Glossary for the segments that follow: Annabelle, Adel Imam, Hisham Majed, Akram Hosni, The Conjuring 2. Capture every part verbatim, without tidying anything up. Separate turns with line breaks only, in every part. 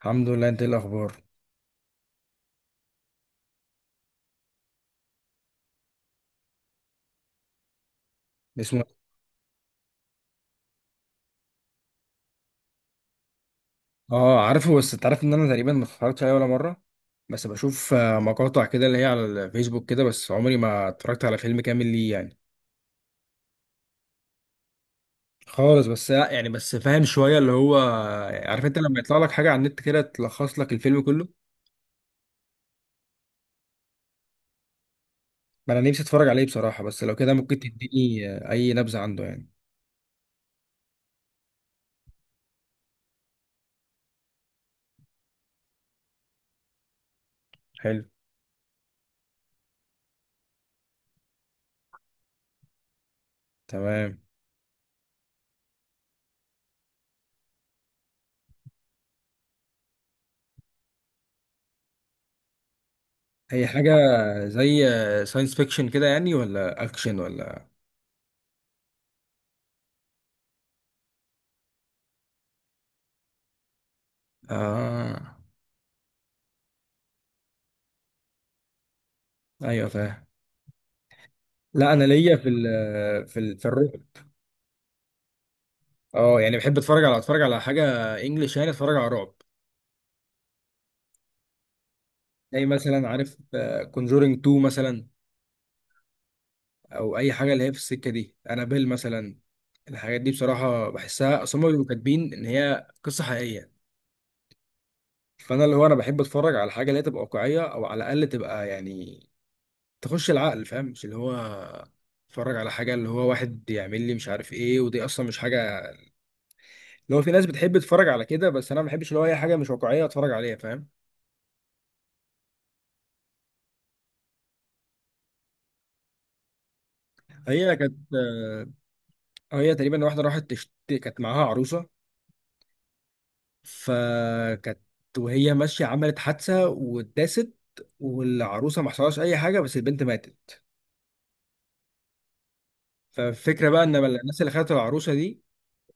الحمد لله، انت ايه الاخبار؟ اسمه. اه عارفه، بس انت عارف ان انا تقريبا ما اتفرجتش عليه ولا مره. بس بشوف آه، مقاطع كده اللي هي على الفيسبوك كده، بس عمري ما اتفرجت على فيلم كامل ليه يعني. خالص، بس لا، يعني بس فاهم شويه اللي هو، آه، عارف انت لما يطلع لك حاجه على النت كده تلخص لك الفيلم كله. ما انا نفسي اتفرج عليه بصراحه، بس لو كده ممكن تديني آه، اي نبذه عنده يعني. حلو. تمام. هي حاجه زي ساينس فيكشن كده يعني، ولا اكشن ولا؟ اه ايوه فاهم. لا انا ليا في ال في ال في الرعب. اه يعني بحب اتفرج على اتفرج على حاجه انجلش يعني، اتفرج على رعب. زي مثلا عارف كونجورينج اتنين مثلا، او اي حاجه اللي هي في السكه دي، انابيل مثلا. الحاجات دي بصراحه بحسها، اصل هم بيبقوا كاتبين ان هي قصه حقيقيه. فانا اللي هو انا بحب اتفرج على حاجه اللي هي تبقى واقعيه، او على الاقل تبقى يعني تخش العقل، فاهم؟ مش اللي هو اتفرج على حاجه اللي هو واحد يعمل لي مش عارف ايه، ودي اصلا مش حاجه. اللي هو في ناس بتحب تتفرج على كده، بس انا ما بحبش اللي هو اي حاجه مش واقعيه اتفرج عليها، فاهم؟ هي كانت آه، هي تقريبا واحدة راحت تشت... كانت معاها عروسة. فكانت، وهي ماشية، عملت حادثة واتداست. والعروسة ما حصلهاش أي حاجة، بس البنت ماتت. فالفكرة بقى إن الناس اللي خدت العروسة دي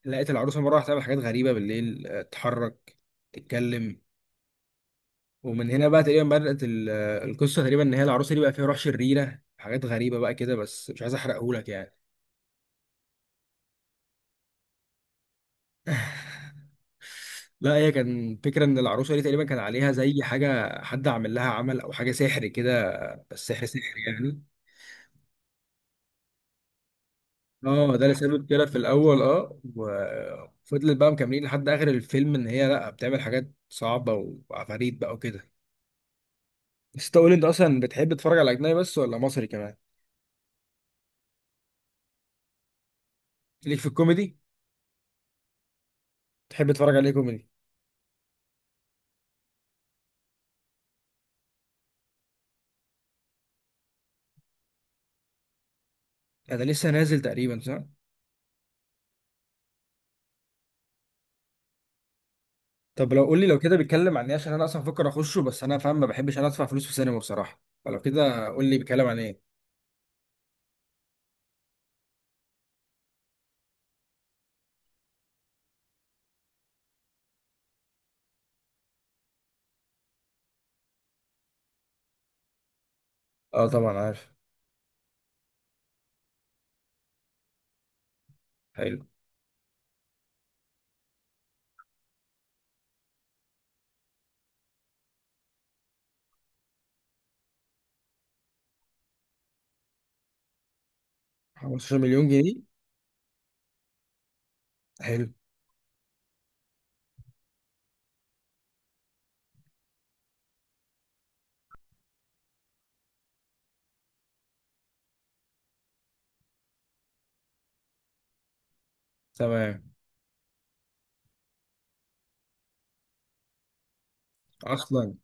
لقيت العروسة مرة واحدة تعمل حاجات غريبة بالليل، آه، تتحرك، تتكلم. ومن هنا بقى تقريبا بدأت ال- آه، القصة، تقريبا إن هي العروسة دي بقى فيها روح شريرة، حاجات غريبة بقى كده، بس مش عايز أحرقهولك يعني. لا هي كان فكرة إن العروسة دي تقريبا كان عليها زي حاجة، حد عمل لها عمل أو حاجة سحر كده. السحر سحر يعني. اه ده لسبب كده في الاول، اه، وفضلت بقى مكملين لحد اخر الفيلم ان هي لا بتعمل حاجات صعبه وعفاريت بقى وكده. بس تقول انت اصلا بتحب تتفرج على اجنبي بس، ولا مصري كمان؟ ليك في الكوميدي؟ تحب تتفرج عليه كوميدي؟ آه، ده لسه نازل تقريبا، صح؟ طب لو قول لي، لو كده بيتكلم عن ايه، عشان انا اصلا بفكر اخشه، بس انا فاهم ما بحبش انا ادفع فلوس في سينما بصراحه، فلو كده قول لي بيتكلم عن ايه. اه طبعا عارف. حلو. خمستاشر مليون جنيه. حلو. تمام. اصلا؟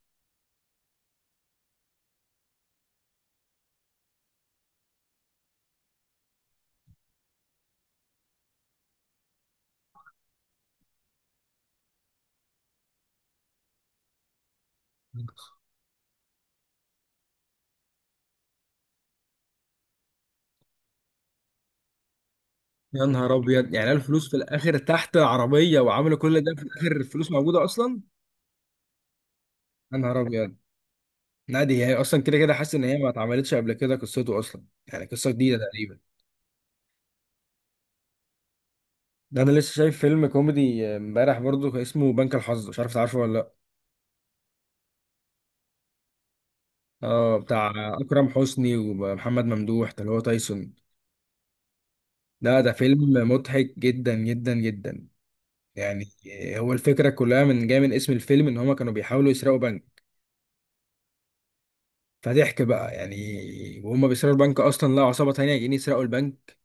يا نهار ابيض، يعني الفلوس في الاخر تحت العربيه، وعملوا كل ده، في الاخر الفلوس موجوده اصلا. يا نهار ابيض. نادي، هي اصلا كده كده حاسس ان هي ما اتعملتش قبل كده، قصته اصلا يعني قصه جديده تقريبا. ده انا لسه شايف فيلم كوميدي امبارح برضو اسمه بنك الحظ، مش عارف تعرفه ولا لا. اه بتاع اكرم حسني ومحمد ممدوح ده اللي هو تايسون. لا ده فيلم مضحك جدا جدا جدا يعني. هو الفكره كلها من جايه من اسم الفيلم، ان هما كانوا بيحاولوا يسرقوا بنك. فضحك بقى يعني، وهم بيسرقوا البنك اصلا لقوا عصابه تانية جايين يسرقوا البنك.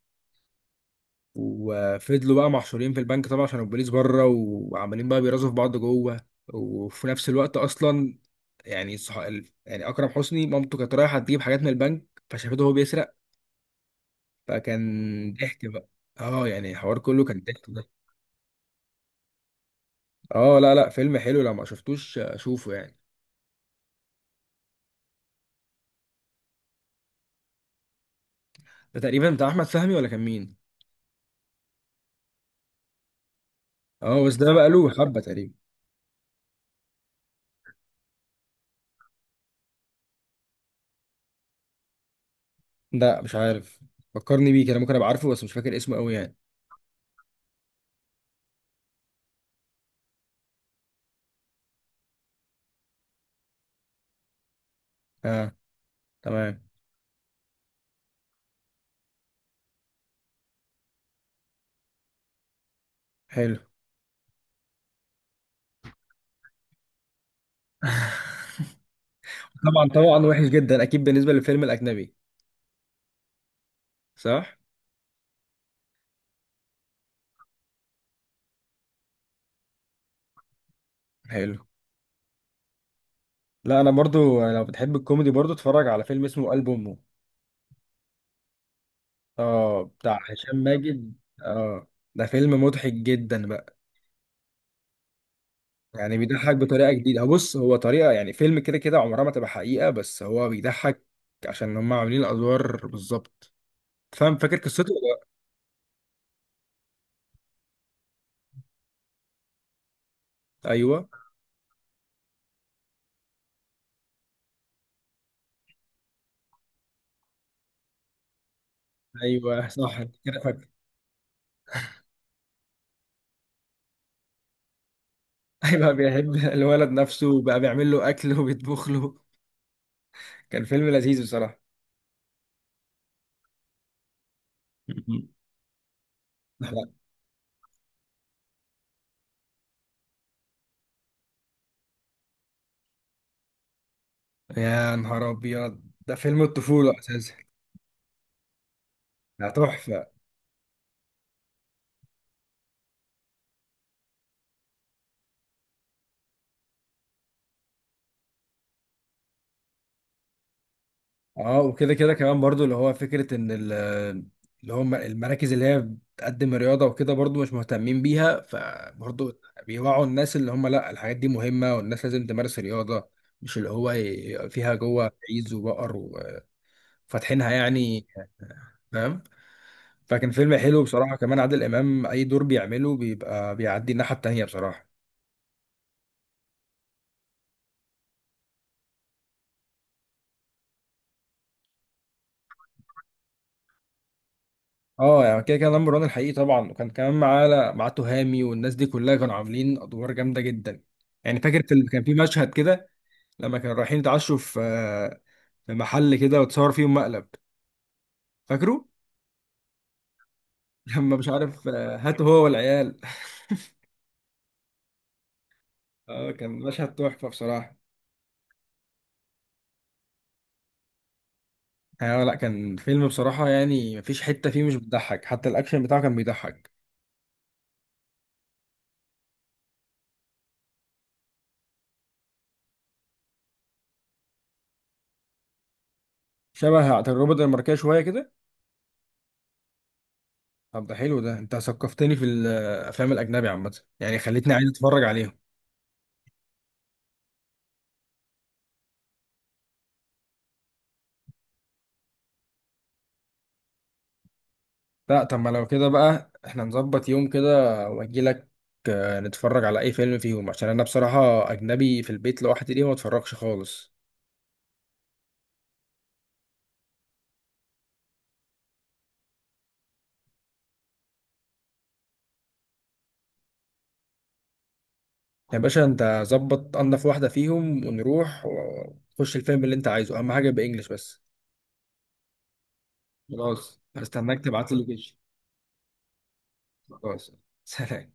وفضلوا بقى محشورين في البنك طبعا عشان البوليس بره، وعمالين بقى بيرازوا في بعض جوه. وفي نفس الوقت اصلا، يعني صح... يعني اكرم حسني مامته كانت رايحه تجيب حاجات من البنك فشافته وهو بيسرق. فكان ضحك بقى. اه يعني الحوار كله كان ضحك ده. اه لا لا فيلم حلو، لو ما شفتوش آه، شوفه يعني. ده تقريبا بتاع احمد فهمي، ولا كان مين؟ اه بس ده بقى له حبه تقريبا. لا مش عارف، فكرني بيه كده ممكن ابقى عارفه، بس مش فاكر اسمه قوي يعني. اه. تمام. حلو. طبعا طبعا، وحش جدا اكيد بالنسبه للفيلم الاجنبي. صح. حلو. لا انا برضو لو بتحب الكوميدي، برضو اتفرج على فيلم اسمه قلب امه. اه بتاع هشام ماجد. اه ده فيلم مضحك جدا بقى. يعني بيضحك بطريقه جديده، هو بص هو طريقه يعني، فيلم كده كده عمرها ما تبقى حقيقه، بس هو بيضحك عشان هم عاملين الادوار بالظبط، فاهم؟ فاكر قصته ولا لأ؟ ايوه. ايوه صح أنت كده فاكر. هيبقى بيحب الولد نفسه، وبقى بيعمل له اكل وبيطبخ له. كان فيلم لذيذ بصراحه. لا. يا نهار ابيض، ده فيلم الطفوله اساسا. ده تحفه. اه وكده كده كمان برضو اللي هو فكره ان ال- اللي هم المراكز اللي هي بتقدم رياضه وكده برضو مش مهتمين بيها، فبرضو بيوعوا الناس اللي هم لا الحاجات دي مهمه والناس لازم تمارس رياضه، مش اللي هو ي- فيها جوه عيز وبقر وفاتحينها يعني، فاهم؟ فكان فيلم حلو بصراحة. كمان عادل إمام أي دور بيعمله بيبقى بيعدي الناحية التانية بصراحة. اه يعني كده كان نمبر وان الحقيقي طبعا، وكان كمان معاه معاه تهامي والناس دي كلها كانوا عاملين أدوار جامدة جدا يعني. فاكر في كان في مشهد كده لما كانوا رايحين يتعشوا في، آه، في محل كده، وتصور فيهم مقلب، فاكره؟ لما مش عارف آه، هاته هو والعيال. اه كان مشهد تحفة بصراحة. اه لا كان فيلم بصراحة يعني مفيش حتة فيه مش بتضحك، حتى الأكشن بتاعه كان بيضحك. شبه عند الروبوت الماركية شوية كده. طب ده حلو ده، انت ثقفتني في الافلام الاجنبي عامه يعني، خليتني عايز اتفرج عليهم. لا طب ما لو كده بقى احنا نظبط يوم كده واجي لك، آه، نتفرج على اي فيلم فيهم، عشان انا بصراحه اجنبي في البيت لوحدي دي ما اتفرجش خالص. يا باشا انت ظبط انضف واحده فيهم ونروح ونخش الفيلم اللي انت عايزه، اهم حاجه يبقى انجلش بس. خلاص هستناك تبعت لي اللوكيشن. خلاص. سلام.